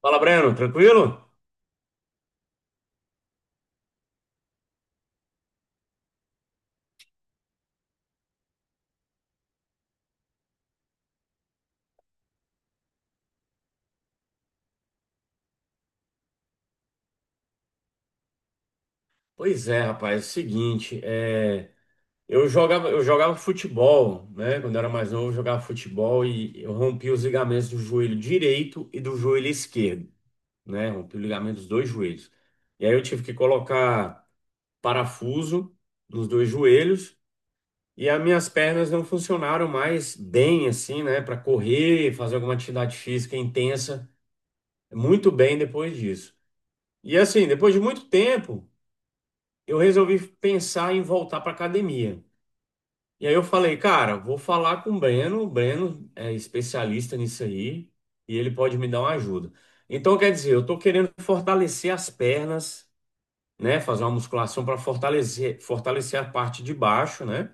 Fala, Breno, tranquilo? Pois é, rapaz, é o seguinte, eu jogava futebol, né? Quando eu era mais novo, eu jogava futebol e eu rompi os ligamentos do joelho direito e do joelho esquerdo, né? Rompi o ligamento dos dois joelhos. E aí eu tive que colocar parafuso nos dois joelhos e as minhas pernas não funcionaram mais bem, assim, né? Para correr, fazer alguma atividade física intensa, muito bem depois disso. E assim, depois de muito tempo, eu resolvi pensar em voltar para academia. E aí eu falei, cara, vou falar com o Breno é especialista nisso aí e ele pode me dar uma ajuda. Então, quer dizer, eu estou querendo fortalecer as pernas, né, fazer uma musculação para fortalecer, fortalecer a parte de baixo, né,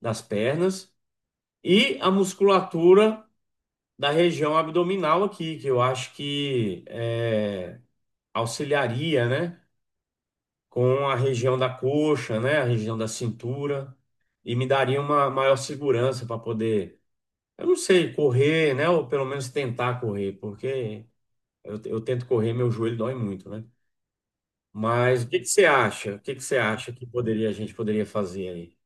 das pernas e a musculatura da região abdominal aqui, que eu acho que auxiliaria, né? Com a região da coxa, né, a região da cintura, e me daria uma maior segurança para poder, eu não sei, correr, né, ou pelo menos tentar correr, porque eu tento correr, meu joelho dói muito, né? Mas o que que você acha? O que que você acha que poderia a gente poderia fazer aí?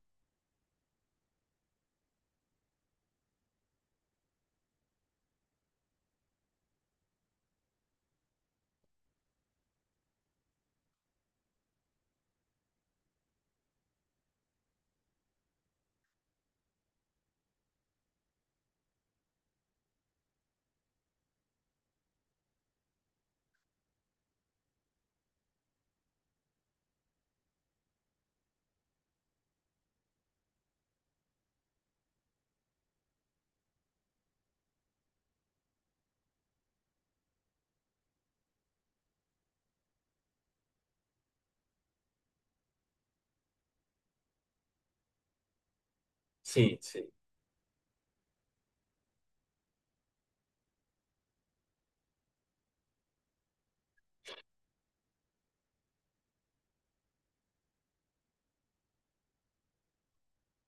Sim, sim.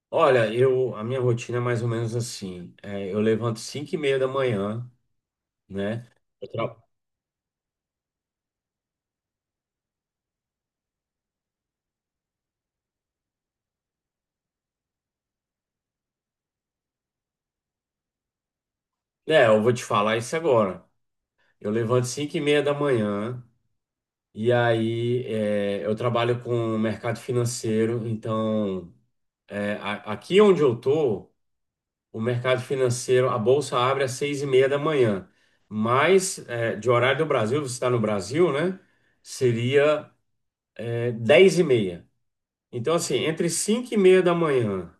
Olha, eu a minha rotina é mais ou menos assim. É, eu levanto 5 e meia da manhã, né? Eu tra- É, eu vou te falar isso agora. Eu levanto 5 e meia da manhã. E aí, é, eu trabalho com o mercado financeiro, então, é, aqui onde eu tô, o mercado financeiro, a bolsa abre às seis e meia da manhã, mas é, de horário do Brasil, você está no Brasil, né? Seria é, dez e meia. Então, assim, entre cinco e meia da manhã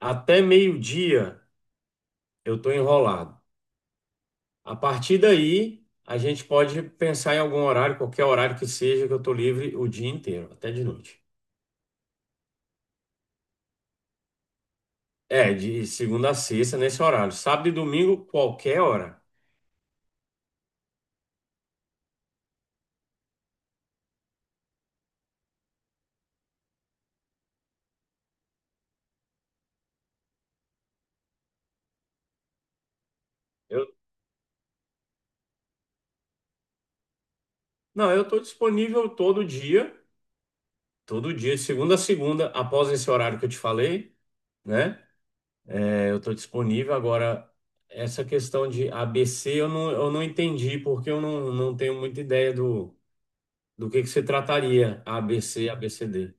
até meio-dia, eu tô enrolado. A partir daí, a gente pode pensar em algum horário, qualquer horário que seja, que eu tô livre o dia inteiro, até de noite. É, de segunda a sexta, nesse horário. Sábado e domingo, qualquer hora. Eu, não, eu estou disponível todo dia, de segunda a segunda, após esse horário que eu te falei, né? É, eu estou disponível. Agora, essa questão de ABC, eu não entendi, porque eu não, não tenho muita ideia do que se trataria ABC, ABCD.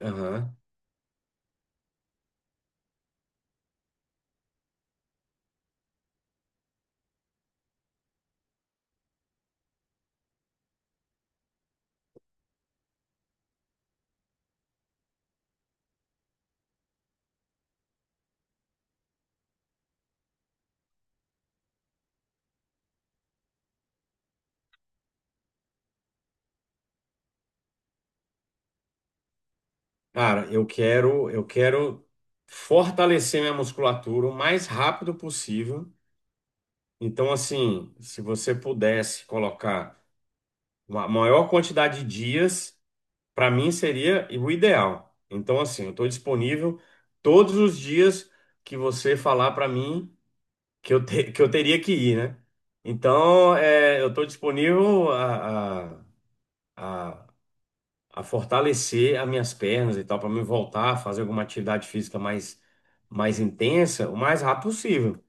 Aham. Cara, eu quero fortalecer minha musculatura o mais rápido possível. Então, assim, se você pudesse colocar uma maior quantidade de dias, para mim seria o ideal. Então, assim, eu estou disponível todos os dias que você falar para mim que eu, te- que eu teria que ir, né? Então, é, eu estou disponível a, a fortalecer as minhas pernas e tal, para me voltar a fazer alguma atividade física mais, mais intensa o mais rápido possível.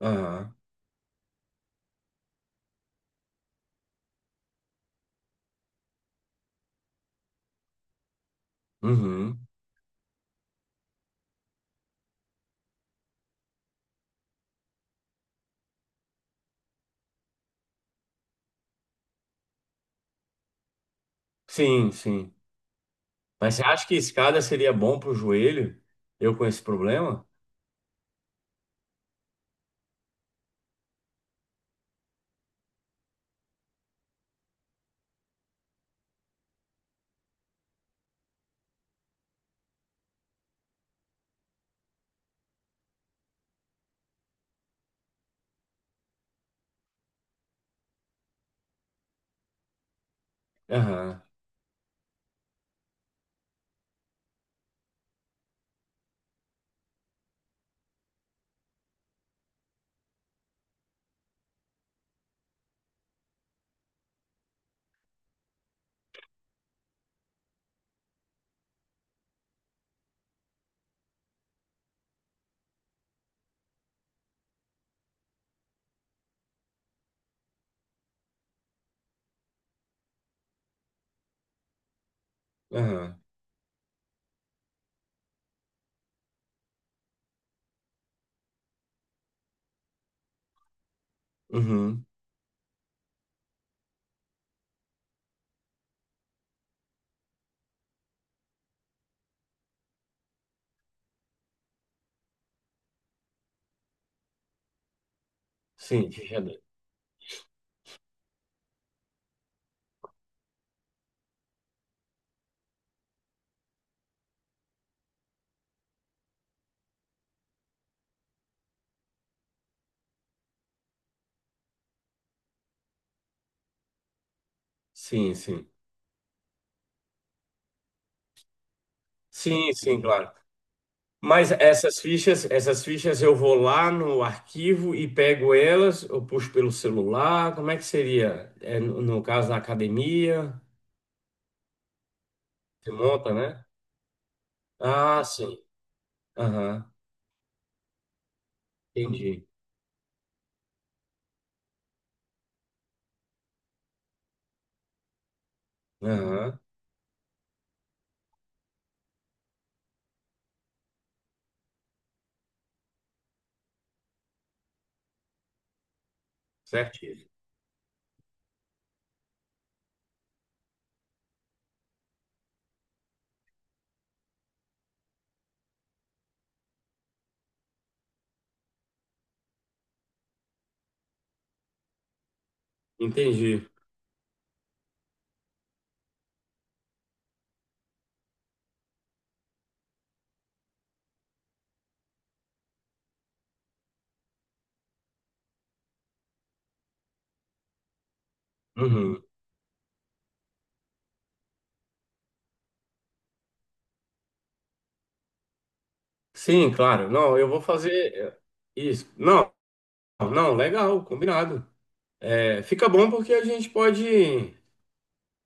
Aham. Uhum. Sim, sim. Mas você acha que escada seria bom pro joelho? Eu com esse problema? Aham, aham, uhum. Sim, ficha dez. Sim, sim. Sim, sim, claro. Mas essas fichas eu vou lá no arquivo e pego elas, eu puxo pelo celular, como é que seria? É, no caso, na academia, você monta, né? Ah, sim. Aham, entendi. Aham, certinho. Entendi. Uhum. Sim, claro. Não, eu vou fazer isso. Não, Não, legal, combinado. É, fica bom porque a gente pode,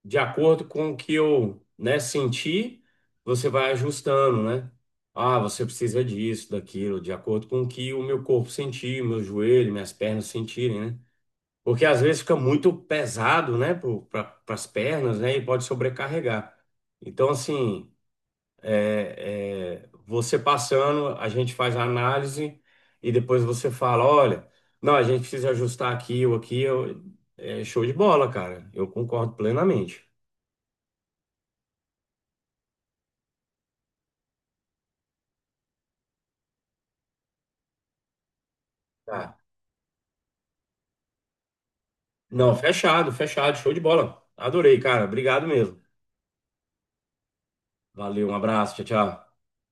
de acordo com o que eu, né, sentir, você vai ajustando, né? Ah, você precisa disso, daquilo, de acordo com o que o meu corpo sentir, meu joelho, minhas pernas sentirem, né? Porque às vezes fica muito pesado, né, para as pernas, né, e pode sobrecarregar. Então, assim. Você passando, a gente faz a análise e depois você fala, olha, não, a gente precisa ajustar aqui ou aqui. Eu, é show de bola, cara. Eu concordo plenamente. Tá. Não, fechado, fechado, show de bola. Adorei, cara. Obrigado mesmo. Valeu, um abraço, tchau, tchau.